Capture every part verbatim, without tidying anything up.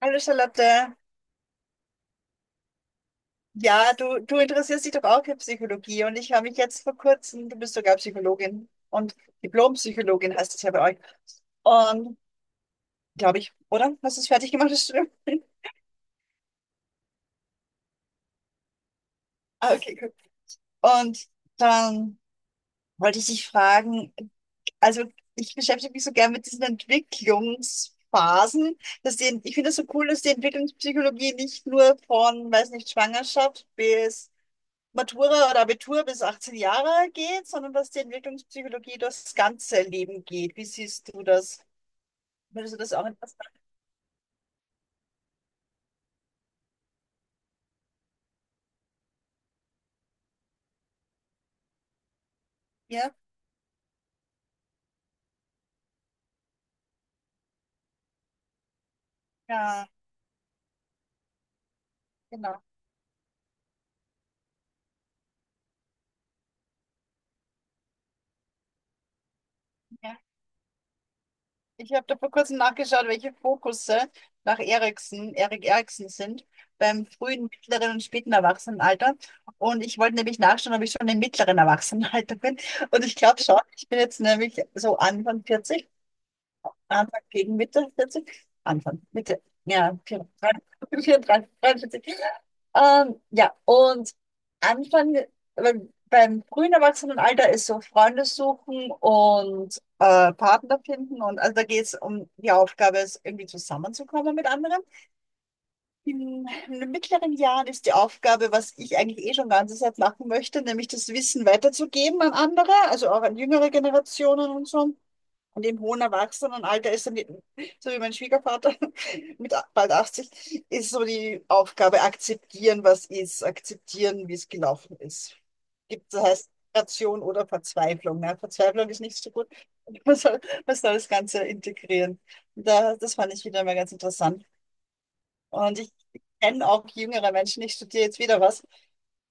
Hallo Charlotte. Ja, du, du interessierst dich doch auch für Psychologie und ich habe mich jetzt vor kurzem, du bist sogar Psychologin und Diplompsychologin heißt es ja bei euch. Und glaube ich, oder? Hast du es fertig gemacht, das Studium? Ah, okay, gut. Und dann wollte ich dich fragen, also ich beschäftige mich so gern mit diesen Entwicklungsphasen, dass die, ich finde es so cool, dass die Entwicklungspsychologie nicht nur von, weiß nicht, Schwangerschaft bis Matura oder Abitur bis achtzehn Jahre geht, sondern dass die Entwicklungspsychologie durchs ganze Leben geht. Wie siehst du das? Würdest du das auch interessant? Ja, ja, genau. Ja. Ich habe da vor kurzem nachgeschaut, welche Fokusse nach Erikson, Erik Erikson sind beim frühen, mittleren und späten Erwachsenenalter. Und ich wollte nämlich nachschauen, ob ich schon im mittleren Erwachsenenalter bin. Und ich glaube schon, ich bin jetzt nämlich so Anfang vierzig, Anfang gegen Mitte vierzig, Anfang, Mitte, ja, vierunddreißig. Ähm, ja, und Anfang, beim, beim frühen Erwachsenenalter ist so Freunde suchen und äh, Partner finden. Und also da geht es um die Aufgabe, es irgendwie zusammenzukommen mit anderen. In, in den mittleren Jahren ist die Aufgabe, was ich eigentlich eh schon ganze Zeit machen möchte, nämlich das Wissen weiterzugeben an andere, also auch an jüngere Generationen und so. Und im hohen Erwachsenenalter ist dann, die- so wie mein Schwiegervater mit a- bald achtzig, ist so die Aufgabe, akzeptieren, was ist, akzeptieren, wie es gelaufen ist. Gibt, das heißt, Integration oder Verzweiflung. Ne? Verzweiflung ist nicht so gut. Man soll, man soll das Ganze integrieren. Und da, das fand ich wieder mal ganz interessant. Und ich kenne auch jüngere Menschen, ich studiere jetzt wieder was,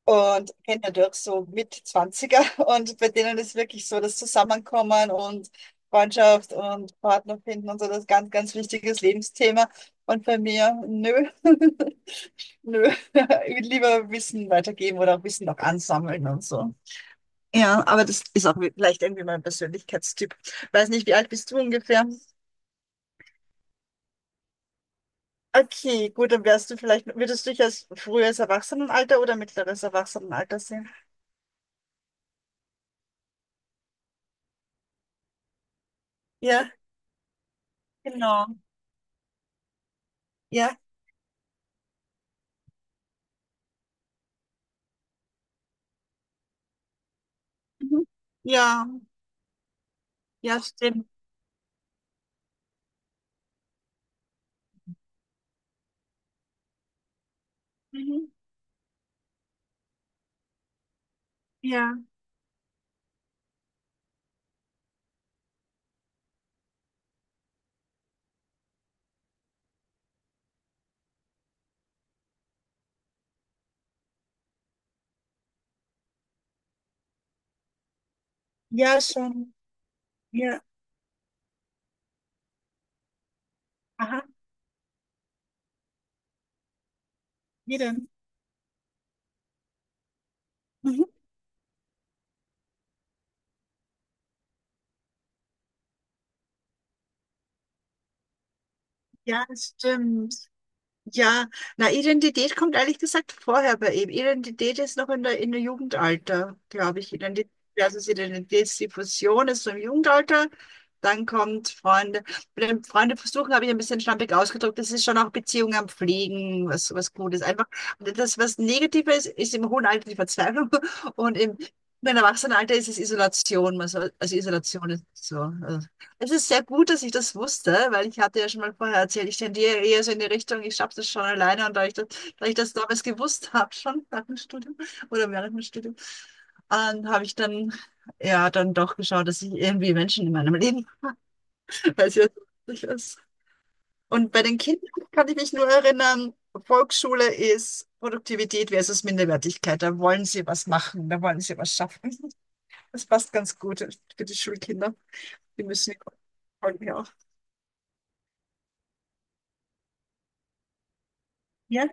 und kenne dadurch so mit zwanzig und bei denen ist wirklich so das Zusammenkommen und Freundschaft und Partner finden und so das ganz, ganz wichtiges Lebensthema. Und bei mir, nö, nö, ich will lieber Wissen weitergeben oder auch Wissen noch ansammeln und so. Ja, aber das ist auch vielleicht irgendwie mein Persönlichkeitstyp. Weiß nicht, wie alt bist du ungefähr? Okay, gut, dann wärst du vielleicht, würdest du dich als frühes Erwachsenenalter oder mittleres Erwachsenenalter sehen? Ja, genau. Ja. Mhm. Ja, ja, stimmt. Mhm. Ja, ja, schon. Ja, aha, wie denn? Mhm. Ja, stimmt. Ja, na, Identität kommt ehrlich gesagt vorher bei ihm. Identität ist noch in der, in der Jugendalter, glaube ich. Identität versus Identitätsdiffusion ist so im Jugendalter. Dann kommt Freunde. Mit den Freunde versuchen habe ich ein bisschen schlampig ausgedrückt. Das ist schon auch Beziehungen am Pflegen, was, was gut ist. Einfach, und das, was negativer ist, ist im hohen Alter die Verzweiflung und im, im Erwachsenenalter ist es Isolation. Man soll- Also Isolation ist so. Also es ist sehr gut, dass ich das wusste, weil ich hatte ja schon mal vorher erzählt, ich tendiere eher so in die Richtung, ich schaffe das schon alleine und da ich das, da ich das damals gewusst habe, schon nach dem Studium oder während dem Studium, ähm, habe ich dann ja dann doch geschaut, dass ich irgendwie Menschen in meinem Leben, weil es ja so wichtig ist. Und bei den Kindern kann ich mich nur erinnern, Volksschule ist Produktivität versus Minderwertigkeit. Da wollen sie was machen, da wollen sie was schaffen. Das passt ganz gut für die Schulkinder. Die müssen ja auch. Ja,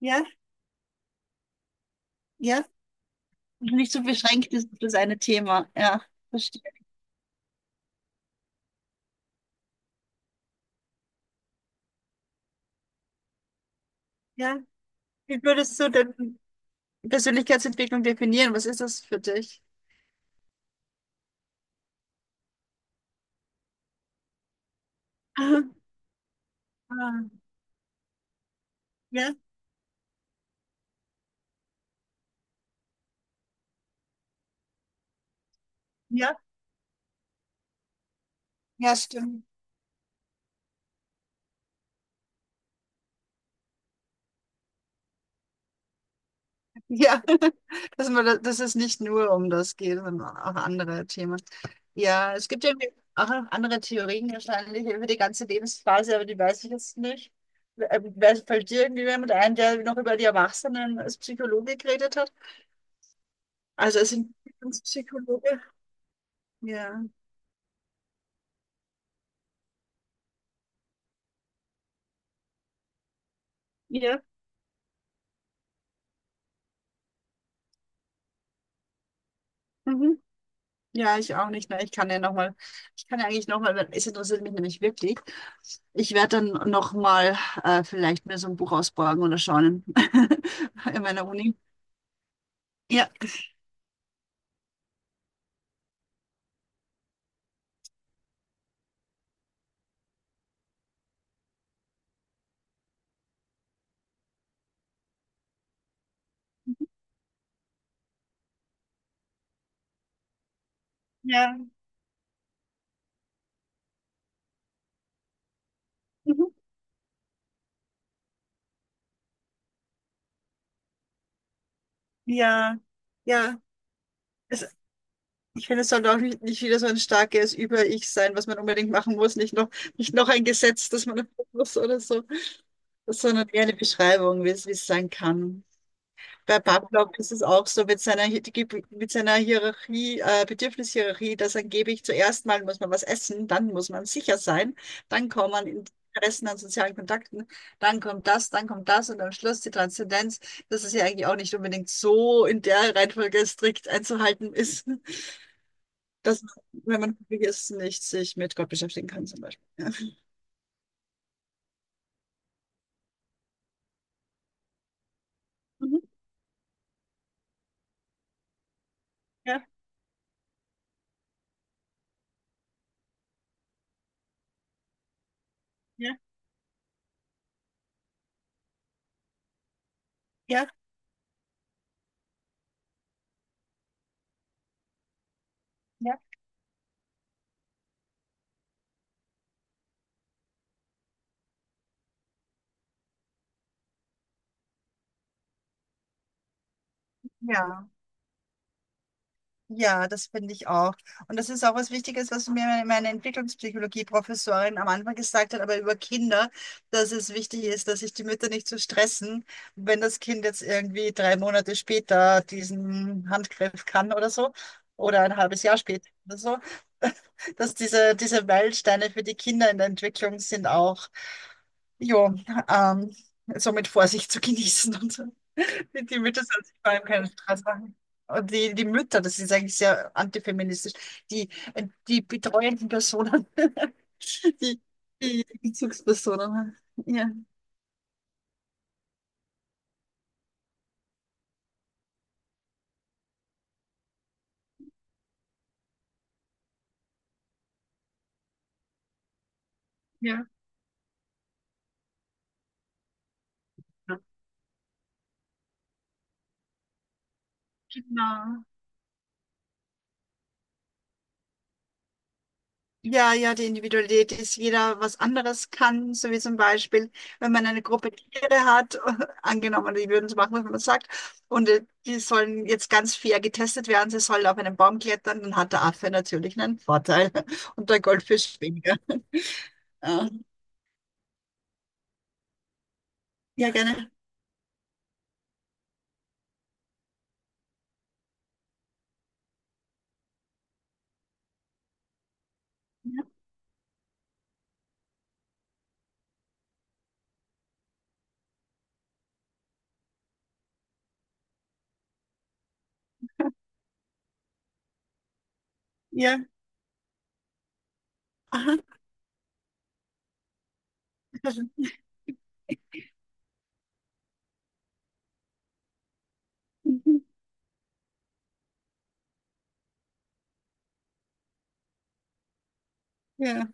ja. Ja, nicht so beschränkt ist auf das eine Thema. Ja, verstehe. Ja, wie würdest du denn Persönlichkeitsentwicklung definieren? Was ist das für dich? Ah, ah, ja, ja, ja, stimmt. Ja, dass, man, da- dass es nicht nur um das geht, sondern auch andere Themen. Ja, es gibt ja auch andere Theorien wahrscheinlich über die ganze Lebensphase, aber die weiß ich jetzt nicht. Ähm, wer- Fällt dir irgendwie jemand ein, der noch über die Erwachsenen als Psychologe geredet hat? Also als Entwicklungspsychologe? Ja. Ja. Mhm. Ja, ich auch nicht. Ne? Ich kann ja noch mal, ich kann ja eigentlich noch mal, es interessiert mich nämlich wirklich. Ich werde dann noch mal äh, vielleicht mir so ein Buch ausborgen oder schauen in meiner Uni. Ja, ja, mhm. Ja, ja. Es, ich finde, es sollte auch nicht, nicht wieder so ein starkes Über-Ich sein, was man unbedingt machen muss. Nicht noch, nicht noch ein Gesetz, das man erfüllen muss oder so, sondern eher eine Beschreibung, wie es, wie es sein kann. Bei Pavlov ist es auch so mit seiner, Hi- die Gib- mit seiner Hierarchie, äh, Bedürfnishierarchie, dass angeblich zuerst mal muss man was essen, dann muss man sicher sein, dann kommt man in Interessen an sozialen Kontakten, dann kommt das, dann kommt das und am Schluss die Transzendenz, dass es ja eigentlich auch nicht unbedingt so in der Reihenfolge strikt einzuhalten ist, dass man, wenn man hungrig ist, nicht sich mit Gott beschäftigen kann zum Beispiel. Ja, mhm, ja, ja, ja. Ja. Ja. Ja, das finde ich auch. Und das ist auch was Wichtiges, was mir meine Entwicklungspsychologie-Professorin am Anfang gesagt hat, aber über Kinder, dass es wichtig ist, dass sich die Mütter nicht zu so stressen, wenn das Kind jetzt irgendwie drei Monate später diesen Handgriff kann oder so, oder ein halbes Jahr später oder so, dass diese, diese Meilensteine für die Kinder in der Entwicklung sind auch, jo, ähm, so mit Vorsicht zu genießen und so. Die Mütter sollen sich vor allem keinen Stress machen. Und die, die Mütter, das ist eigentlich sehr antifeministisch, die, äh, die betreuenden Personen, die, die Bezugspersonen. Ja, ja, genau. Ja, ja, die Individualität ist, jeder was anderes kann, so wie zum Beispiel, wenn man eine Gruppe Tiere hat, angenommen, die würden es machen, was man sagt, und äh, die sollen jetzt ganz fair getestet werden, sie sollen auf einen Baum klettern, dann hat der Affe natürlich einen Vorteil und der Goldfisch weniger. Ja. Ja, gerne. Ja. Aha. Mhm. Ja.